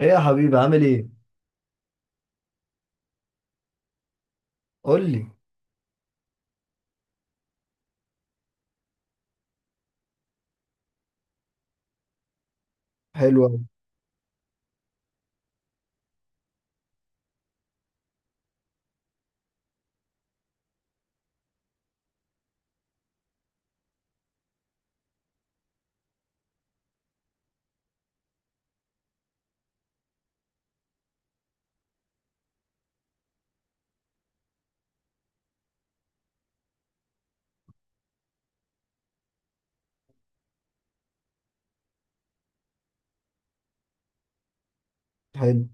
ايه يا حبيبي، عامل ايه؟ قول لي. حلو أوي، حلو.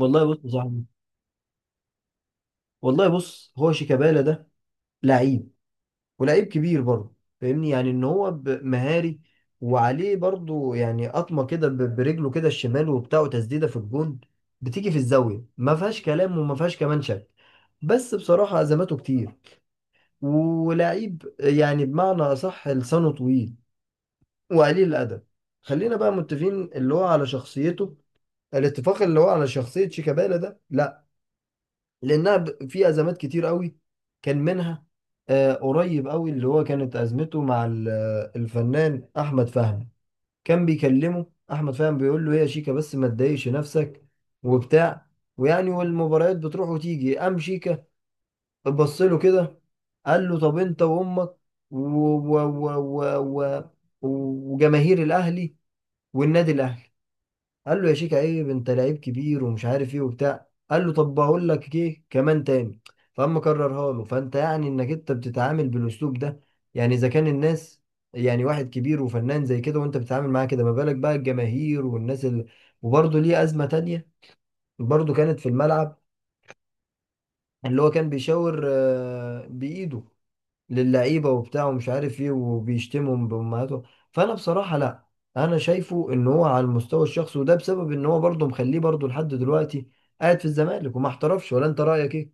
والله بص يا صاحبي. والله بص، هو شيكابالا ده لعيب، ولعيب كبير برضه، فاهمني؟ يعني ان هو مهاري، وعليه برضه يعني قطمه كده برجله كده الشمال وبتاع، وتسديده في الجون بتيجي في الزاويه، ما فيهاش كلام وما فيهاش كمان شك. بس بصراحه ازماته كتير، ولعيب يعني بمعنى اصح لسانه طويل وقليل الادب. خلينا بقى متفقين اللي هو على شخصيته، الاتفاق اللي هو على شخصية شيكابالا ده لا، لأنها في أزمات كتير قوي، كان منها قريب قوي اللي هو كانت أزمته مع الفنان أحمد فهمي. كان بيكلمه، أحمد فهمي بيقول له: إيه يا شيكا، بس ما تضايقش نفسك وبتاع. ويعني والمباريات بتروح وتيجي، قام شيكا بص له كده، قال له: طب أنت وأمك و... و... و... و... و... وجماهير الأهلي والنادي الأهلي. قال له: يا شيكا عيب، انت لعيب كبير ومش عارف ايه وبتاع. قال له: طب بقول لك ايه كمان تاني. فاما كررها له، فانت يعني انك انت بتتعامل بالاسلوب ده. يعني اذا كان الناس، يعني واحد كبير وفنان زي كده وانت بتتعامل معاه كده، ما بالك بقى الجماهير والناس اللي. وبرضه ليه ازمة تانية برضه كانت في الملعب، اللي هو كان بيشاور بايده للعيبه وبتاع ومش عارف ايه، وبيشتمهم بامهاتهم. فانا بصراحه لا، انا شايفه ان هو على المستوى الشخصي، وده بسبب ان هو برضه مخليه برضه لحد دلوقتي قاعد في الزمالك وما احترفش. ولا انت رايك ايه؟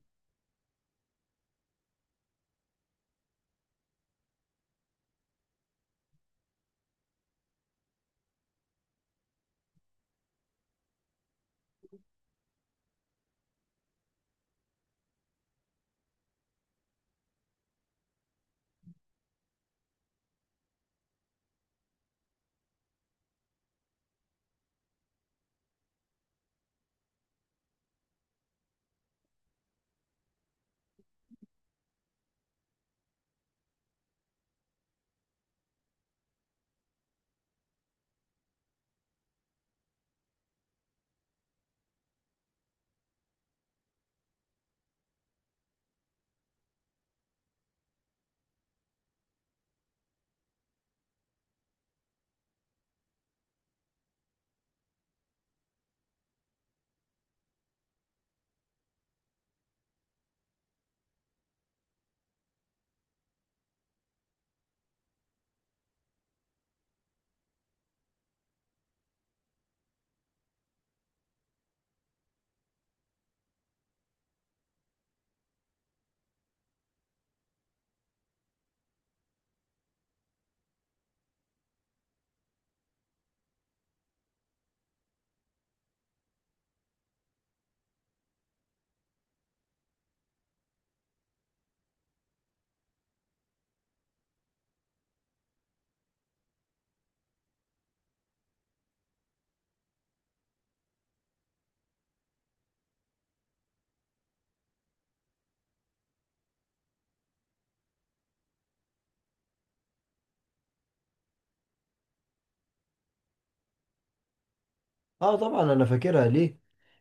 اه طبعا انا فاكرها، ليه؟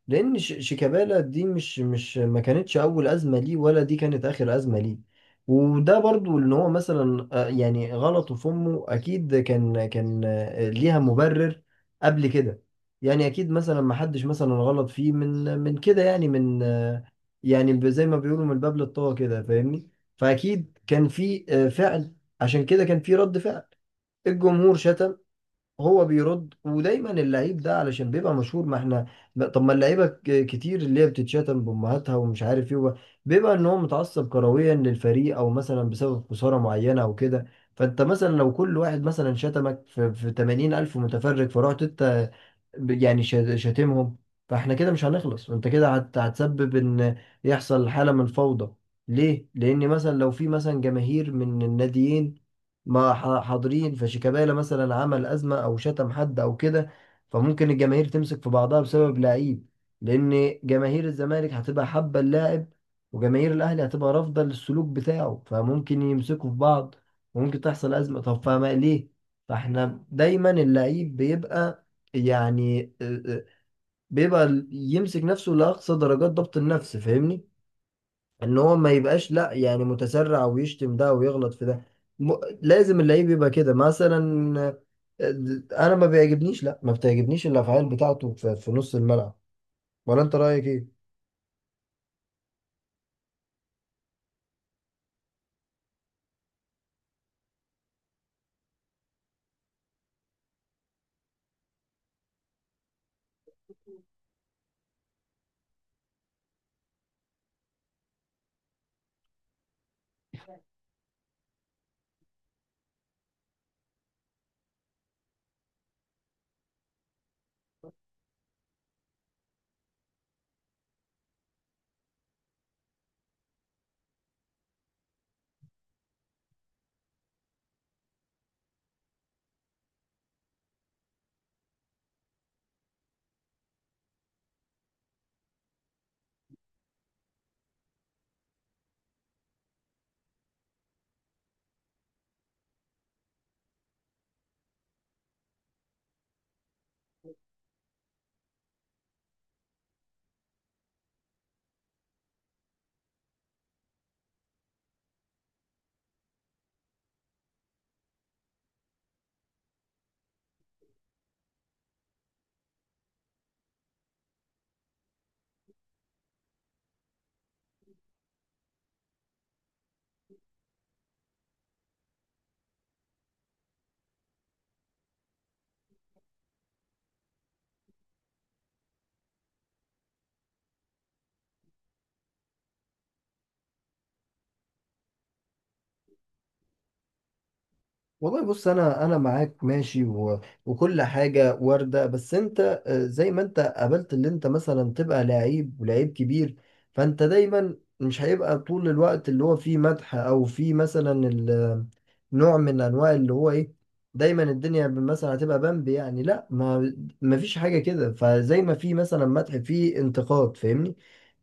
لان شيكابالا دي مش ما كانتش اول ازمه ليه ولا دي كانت اخر ازمه ليه. وده برضو ان هو مثلا يعني غلطه في امه اكيد كان ليها مبرر قبل كده. يعني اكيد مثلا ما حدش مثلا غلط فيه من كده، يعني من يعني زي ما بيقولوا من الباب للطاقه كده، فاهمني؟ فاكيد كان في فعل، عشان كده كان في رد فعل. الجمهور شتم، هو بيرد. ودايما اللعيب ده علشان بيبقى مشهور، ما احنا. لا، طب ما اللعيبه كتير اللي هي بتتشتم بامهاتها ومش عارف ايه بيبقى ان هو متعصب كرويا للفريق، او مثلا بسبب خساره معينه او كده. فانت مثلا لو كل واحد مثلا شتمك في 80 الف متفرج، فرحت انت يعني شاتمهم، فاحنا كده مش هنخلص، وانت كده هتسبب ان يحصل حاله من الفوضى. ليه؟ لان مثلا لو في مثلا جماهير من الناديين، ما ح- حاضرين، فشيكابالا مثلا عمل أزمة أو شتم حد أو كده، فممكن الجماهير تمسك في بعضها بسبب لعيب، لأن جماهير الزمالك هتبقى حابة اللاعب، وجماهير الأهلي هتبقى رافضة للسلوك بتاعه، فممكن يمسكوا في بعض وممكن تحصل أزمة. طب فما ليه؟ فاحنا دايما اللعيب بيبقى يعني بيبقى يمسك نفسه لأقصى درجات ضبط النفس، فاهمني؟ ان هو ما يبقاش لا يعني متسرع، ويشتم ده ويغلط في ده م... لازم اللعيب يبقى كده مثلا. آه، انا ما بيعجبنيش، لا ما بتعجبنيش الافعال بتاعته في, نص الملعب. ولا انت رايك ايه؟ والله بص، انا معاك ماشي وكل حاجه وارده. بس انت زي ما انت قابلت، اللي انت مثلا تبقى لعيب ولعيب كبير، فانت دايما مش هيبقى طول الوقت اللي هو فيه مدح، او فيه مثلا نوع من انواع اللي هو ايه. دايما الدنيا مثلا هتبقى بامب، يعني لا، ما فيش حاجه كده، فزي ما في مثلا مدح في انتقاد، فاهمني؟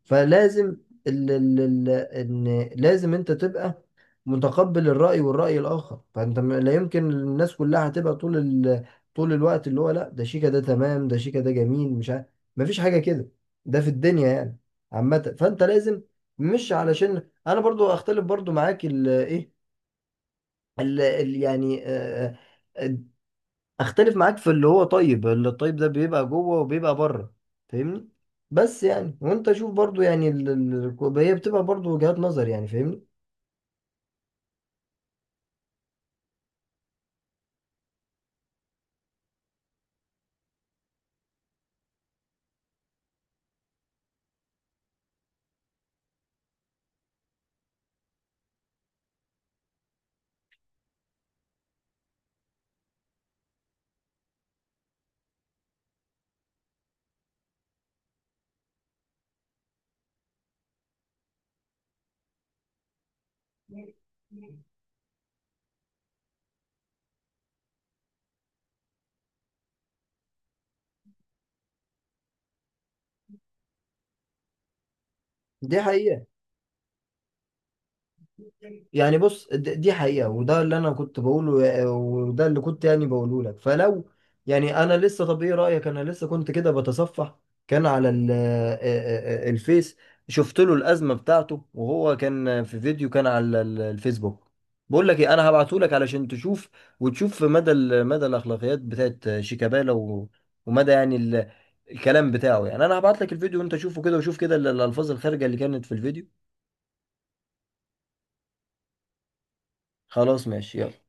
فلازم ال... ال... ان لازم انت تبقى متقبل الرأي والرأي الآخر. فأنت لا يمكن الناس كلها هتبقى طول طول الوقت اللي هو لا ده شيكا ده تمام ده شيكا ده جميل مش عارف. مفيش حاجة كده ده في الدنيا، يعني عامة، فأنت لازم، مش علشان أنا برضو أختلف برضو معاك إيه يعني آه، أختلف معاك في اللي هو طيب، اللي الطيب ده بيبقى جوه وبيبقى بره، فاهمني؟ بس يعني وأنت شوف برضو، يعني هي بتبقى برضو وجهات نظر، يعني فاهمني. دي حقيقة. يعني بص دي حقيقة، وده اللي أنا كنت بقوله وده اللي كنت يعني بقوله لك. فلو يعني أنا لسه، طب إيه رأيك، أنا لسه كنت كده بتصفح، كان على الفيس، شفت له الأزمة بتاعته، وهو كان في فيديو كان على الفيسبوك. بقول لك إيه، أنا هبعته لك علشان تشوف، وتشوف مدى مدى الأخلاقيات بتاعت شيكابالا ومدى يعني الكلام بتاعه. يعني أنا هبعت لك الفيديو وأنت شوفه كده، وشوف كده الألفاظ الخارجة اللي كانت في الفيديو. خلاص ماشي، يلا.